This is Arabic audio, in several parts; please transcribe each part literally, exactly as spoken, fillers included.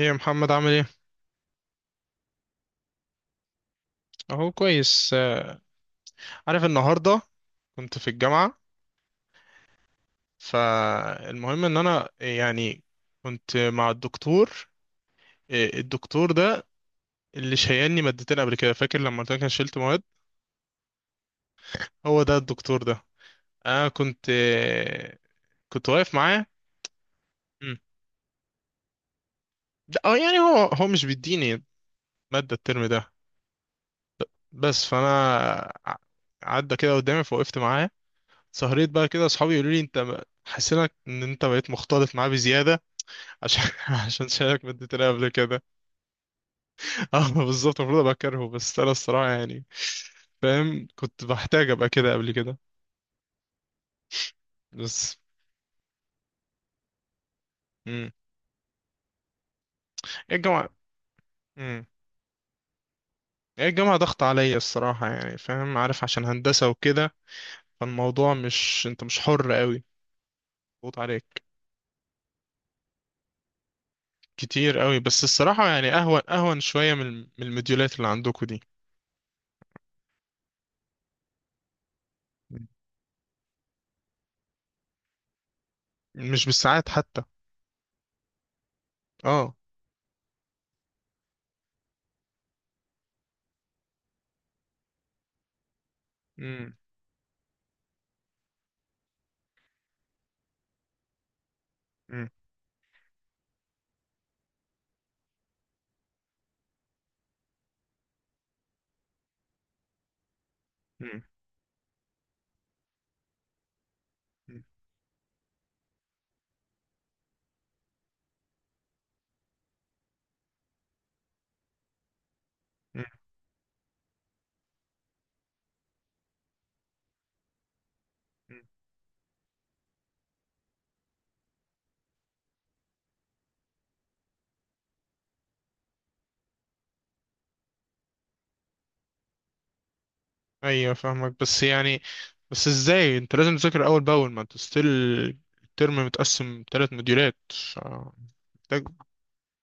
ايه يا محمد عامل ايه؟ اهو كويس آه، عارف النهارده كنت في الجامعة. فالمهم ان انا يعني كنت مع الدكتور، آه، الدكتور ده اللي شيلني مادتين قبل كده، فاكر لما قلت لك انا شلت مواد؟ هو ده الدكتور ده. انا كنت آه، كنت واقف معاه. مم. ده- اه يعني هو هو مش بيديني مادة الترم ده بس. فانا ع- عدى كده قدامي فوقفت معاه. سهريت بقى كده اصحابي يقولوا لي، انت حسيت ان انت بقيت مختلط معاه بزيادة عشان عشان شايفك مديتني قبل كده. اه بالظبط، المفروض ابقى كارهه، بس انا الصراحه يعني فاهم كنت بحتاج ابقى كده قبل كده بس. امم ايه الجامعه؟ امم ايه الجامعه، ضغط عليا الصراحه يعني فاهم؟ عارف عشان هندسه وكده، فالموضوع مش انت مش حر قوي. ضغط عليك كتير قوي، بس الصراحه يعني اهون اهون شويه من من المديولات اللي عندكم دي. مش بالساعات حتى. اه. امم امم امم ايوه فاهمك بس يعني. بس ازاي انت لازم تذاكر اول باول ما انت ستيل؟ الترم متقسم ثلاث مديولات. ف- محتاج.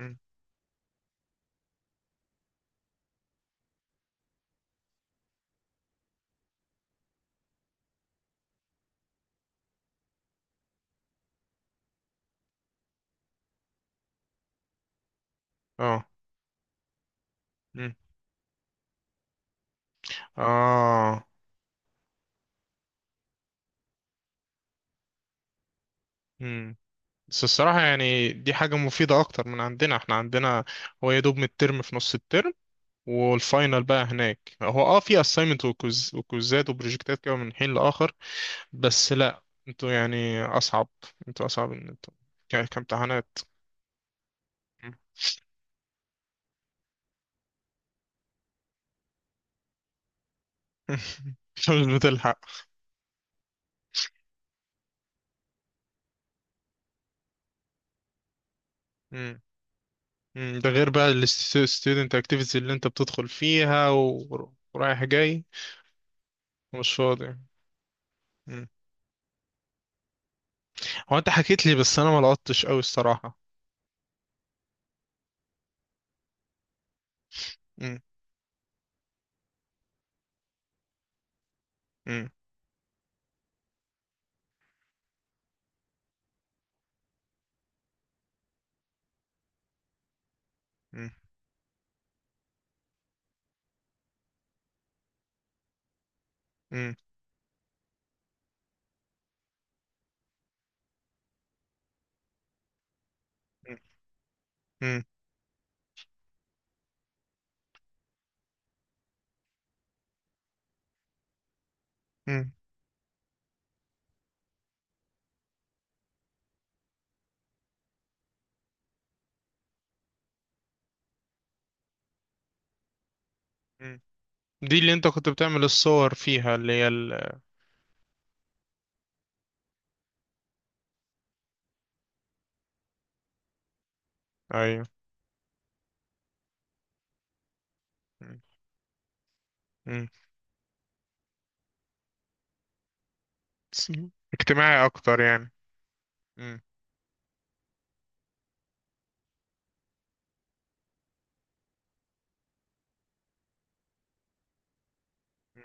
مم. اه. مم. اه. مم. بس الصراحة يعني دي حاجة مفيدة أكتر من عندنا. احنا عندنا هو يا دوب من الترم في نص الترم والفاينل بقى. هناك هو اه في assignment وكوز وكوزات وبروجكتات كده من حين لآخر بس. لا انتوا يعني أصعب. انتوا أصعب ان انتوا ك- كامتحانات. مش بتلحق. مم، ده غير بقى الستودنت اكتيفيتي اللي انت بتدخل فيها و- ورايح جاي، ومش فاضي. مم. هو انت حكيت لي بس انا ما لقطتش قوي الصراحة. مم، مم، مم، مم، مم، مم، مم. دي اللي انت كنت بتعمل الصور فيها اللي هي ال... ايوه. مم، مم. بس اجتماعي اكتر يعني. مم، مم.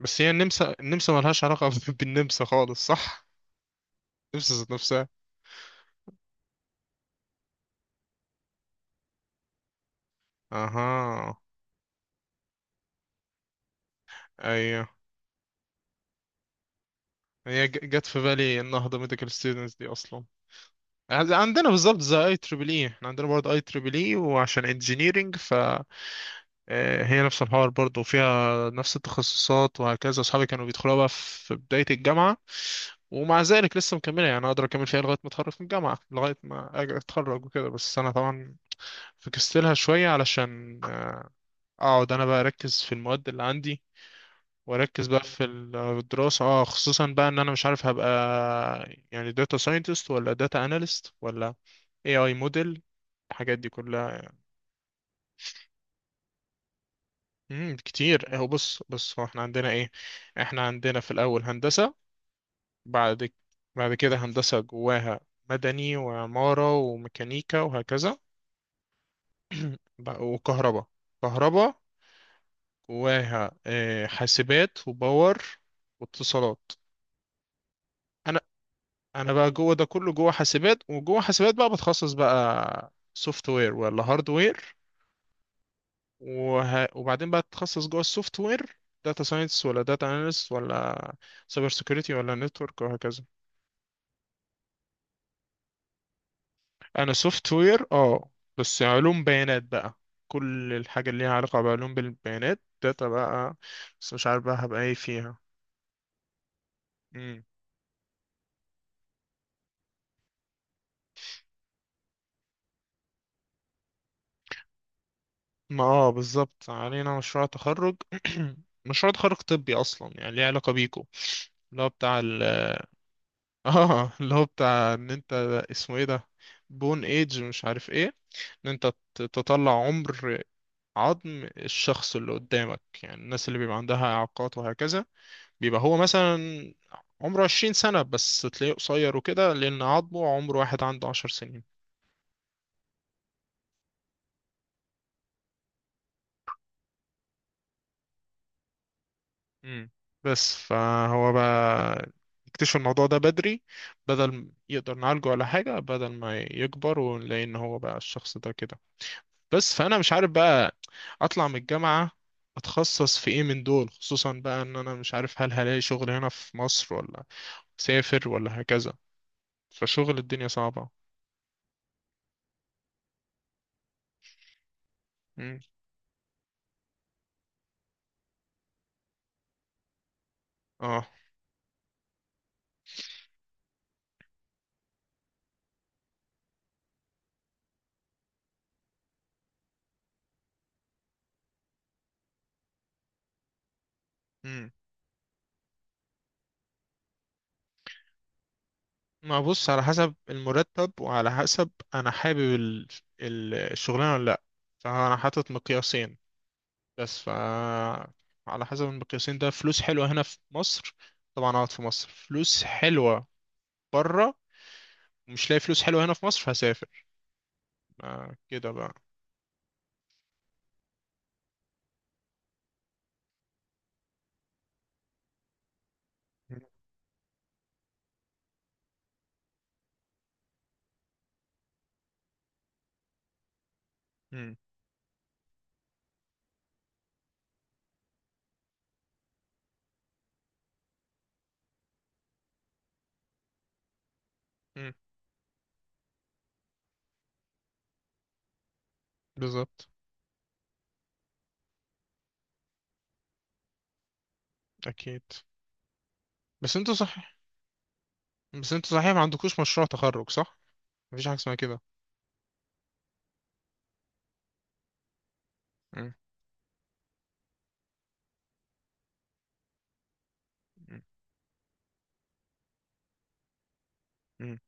بس هي النمسا، النمسا ملهاش علاقة بالنمسا خالص صح؟ النمسا ذات نفسها. اها. ايوه. هي ج- جت في بالي النهضة ميديكال ستودنتس دي اصلا. عندنا بالظبط زي اي تريبل اي، احنا عندنا برضه اي تريبل اي، وعشان انجينيرنج فهي نفس الحوار برضه وفيها نفس التخصصات وهكذا. اصحابي كانوا بيدخلوها بقى في بداية الجامعة ومع ذلك لسه مكملة، يعني اقدر اكمل فيها لغاية ما اتخرج من الجامعة، لغاية ما أج- اتخرج وكده. بس انا طبعا فكستلها شوية علشان اقعد انا بقى اركز في المواد اللي عندي، واركز بقى في الدراسة، اه خصوصا بقى ان انا مش عارف هبقى يعني داتا ساينتست، ولا داتا اناليست، ولا A I موديل، الحاجات دي كلها. امم كتير اهو. بص بص هو احنا عندنا ايه؟ احنا عندنا في الاول هندسة. بعد بعد كده هندسة جواها مدني وعمارة وميكانيكا وهكذا. بقى- وكهرباء. كهرباء جواها آه، حاسبات وباور واتصالات. انا انا بقى جوه ده كله، جوه حاسبات. وجوه حاسبات بقى بتخصص بقى سوفت وير ولا هارد وير. وه... وبعدين بقى تتخصص جوه السوفت وير. داتا ساينس، ولا داتا اناليست، ولا سايبر سيكيورتي، ولا نتورك وهكذا. انا سوفت وير اه. بس علوم بيانات بقى. كل الحاجه اللي ليها علاقه بعلوم بالبيانات، داتا بقى. بس مش عارف بقى هبقى ايه فيها. مم. ما اه بالظبط علينا مشروع تخرج. مشروع تخرج طبي اصلا يعني ليه علاقه بيكو. اللي هو بتاع ال... اه اللي هو بتاع ان انت اسمه ايه ده، بون ايج مش عارف ايه. ان انت ت- تطلع عمر عظم الشخص اللي قدامك. يعني الناس اللي بيبقى عندها إعاقات وهكذا، بيبقى هو مثلا عمره عشرين سنة بس تلاقيه قصير وكده، لأن عظمه عمر واحد عنده عشر سنين. مم. بس فهو بقى يكتشف الموضوع ده بدري. بدل م- يقدر نعالجه ولا حاجة، بدل ما يكبر ونلاقي إن هو بقى الشخص ده كده. بس فأنا مش عارف بقى أطلع من الجامعة أتخصص في إيه من دول. خصوصا بقى إن أنا مش عارف هل هلاقي شغل هنا في مصر، ولا أسافر ولا هكذا. فشغل الدنيا صعبة. مم. اه. مم. ما بص، على حسب المرتب وعلى حسب انا حابب ال- ال- الشغلانة ولا لا. فانا حاطط مقياسين بس. ف على حسب المقياسين ده، فلوس حلوة هنا في مصر طبعا اقعد في مصر. فلوس حلوة بره، مش لاقي فلوس حلوة هنا في مصر فهسافر. آه كده بقى. مم. مم. بالظبط. اكيد. بس انتوا صح. بس انتوا صحيح ما عندكوش مشروع تخرج صح؟ مفيش حاجة اسمها كده. مم. مم.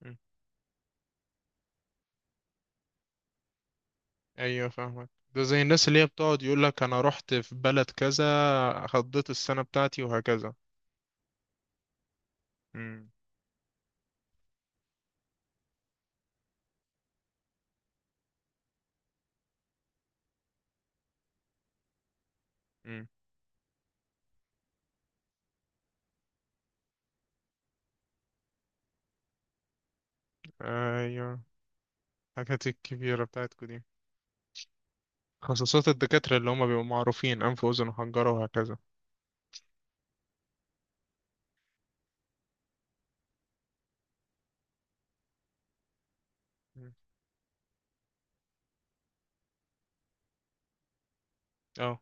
مم. ايوه فاهمك، ده زي الناس اللي هي بتقعد يقول لك انا رحت في بلد كذا، قضيت السنة بتاعتي وهكذا. امم. امم. ايوه الحاجات الكبيرة بتاعتكم دي. خصوصات الدكاترة اللي هم بيبقوا معروفين، انف واذن وحنجرة وهكذا. مم. اه.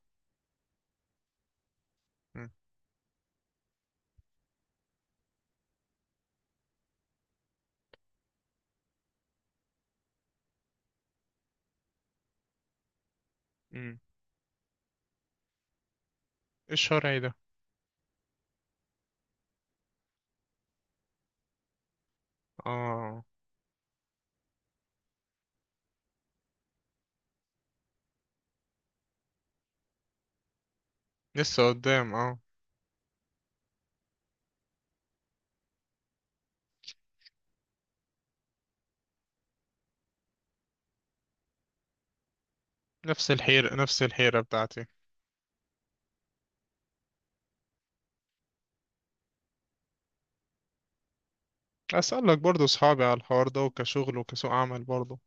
امم. امم. الشرعي ده. اه لسه قدام اه. نفس الحيرة نفس الحيرة بتاعتي. اسألك برضو اصحابي على الحوار ده وكشغل وكسوق عمل برضو.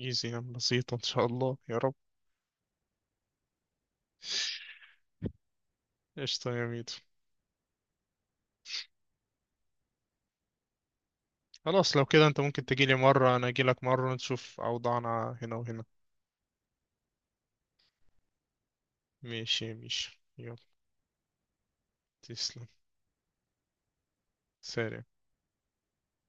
ايزي يعني بسيطة ان شاء الله يا رب. قشطة يا ميدو. خلاص لو كده انت ممكن تجيلي مرة، انا اجيلك مرة، نشوف اوضاعنا هنا وهنا. ماشي ماشي يلا. تسلم. سلام.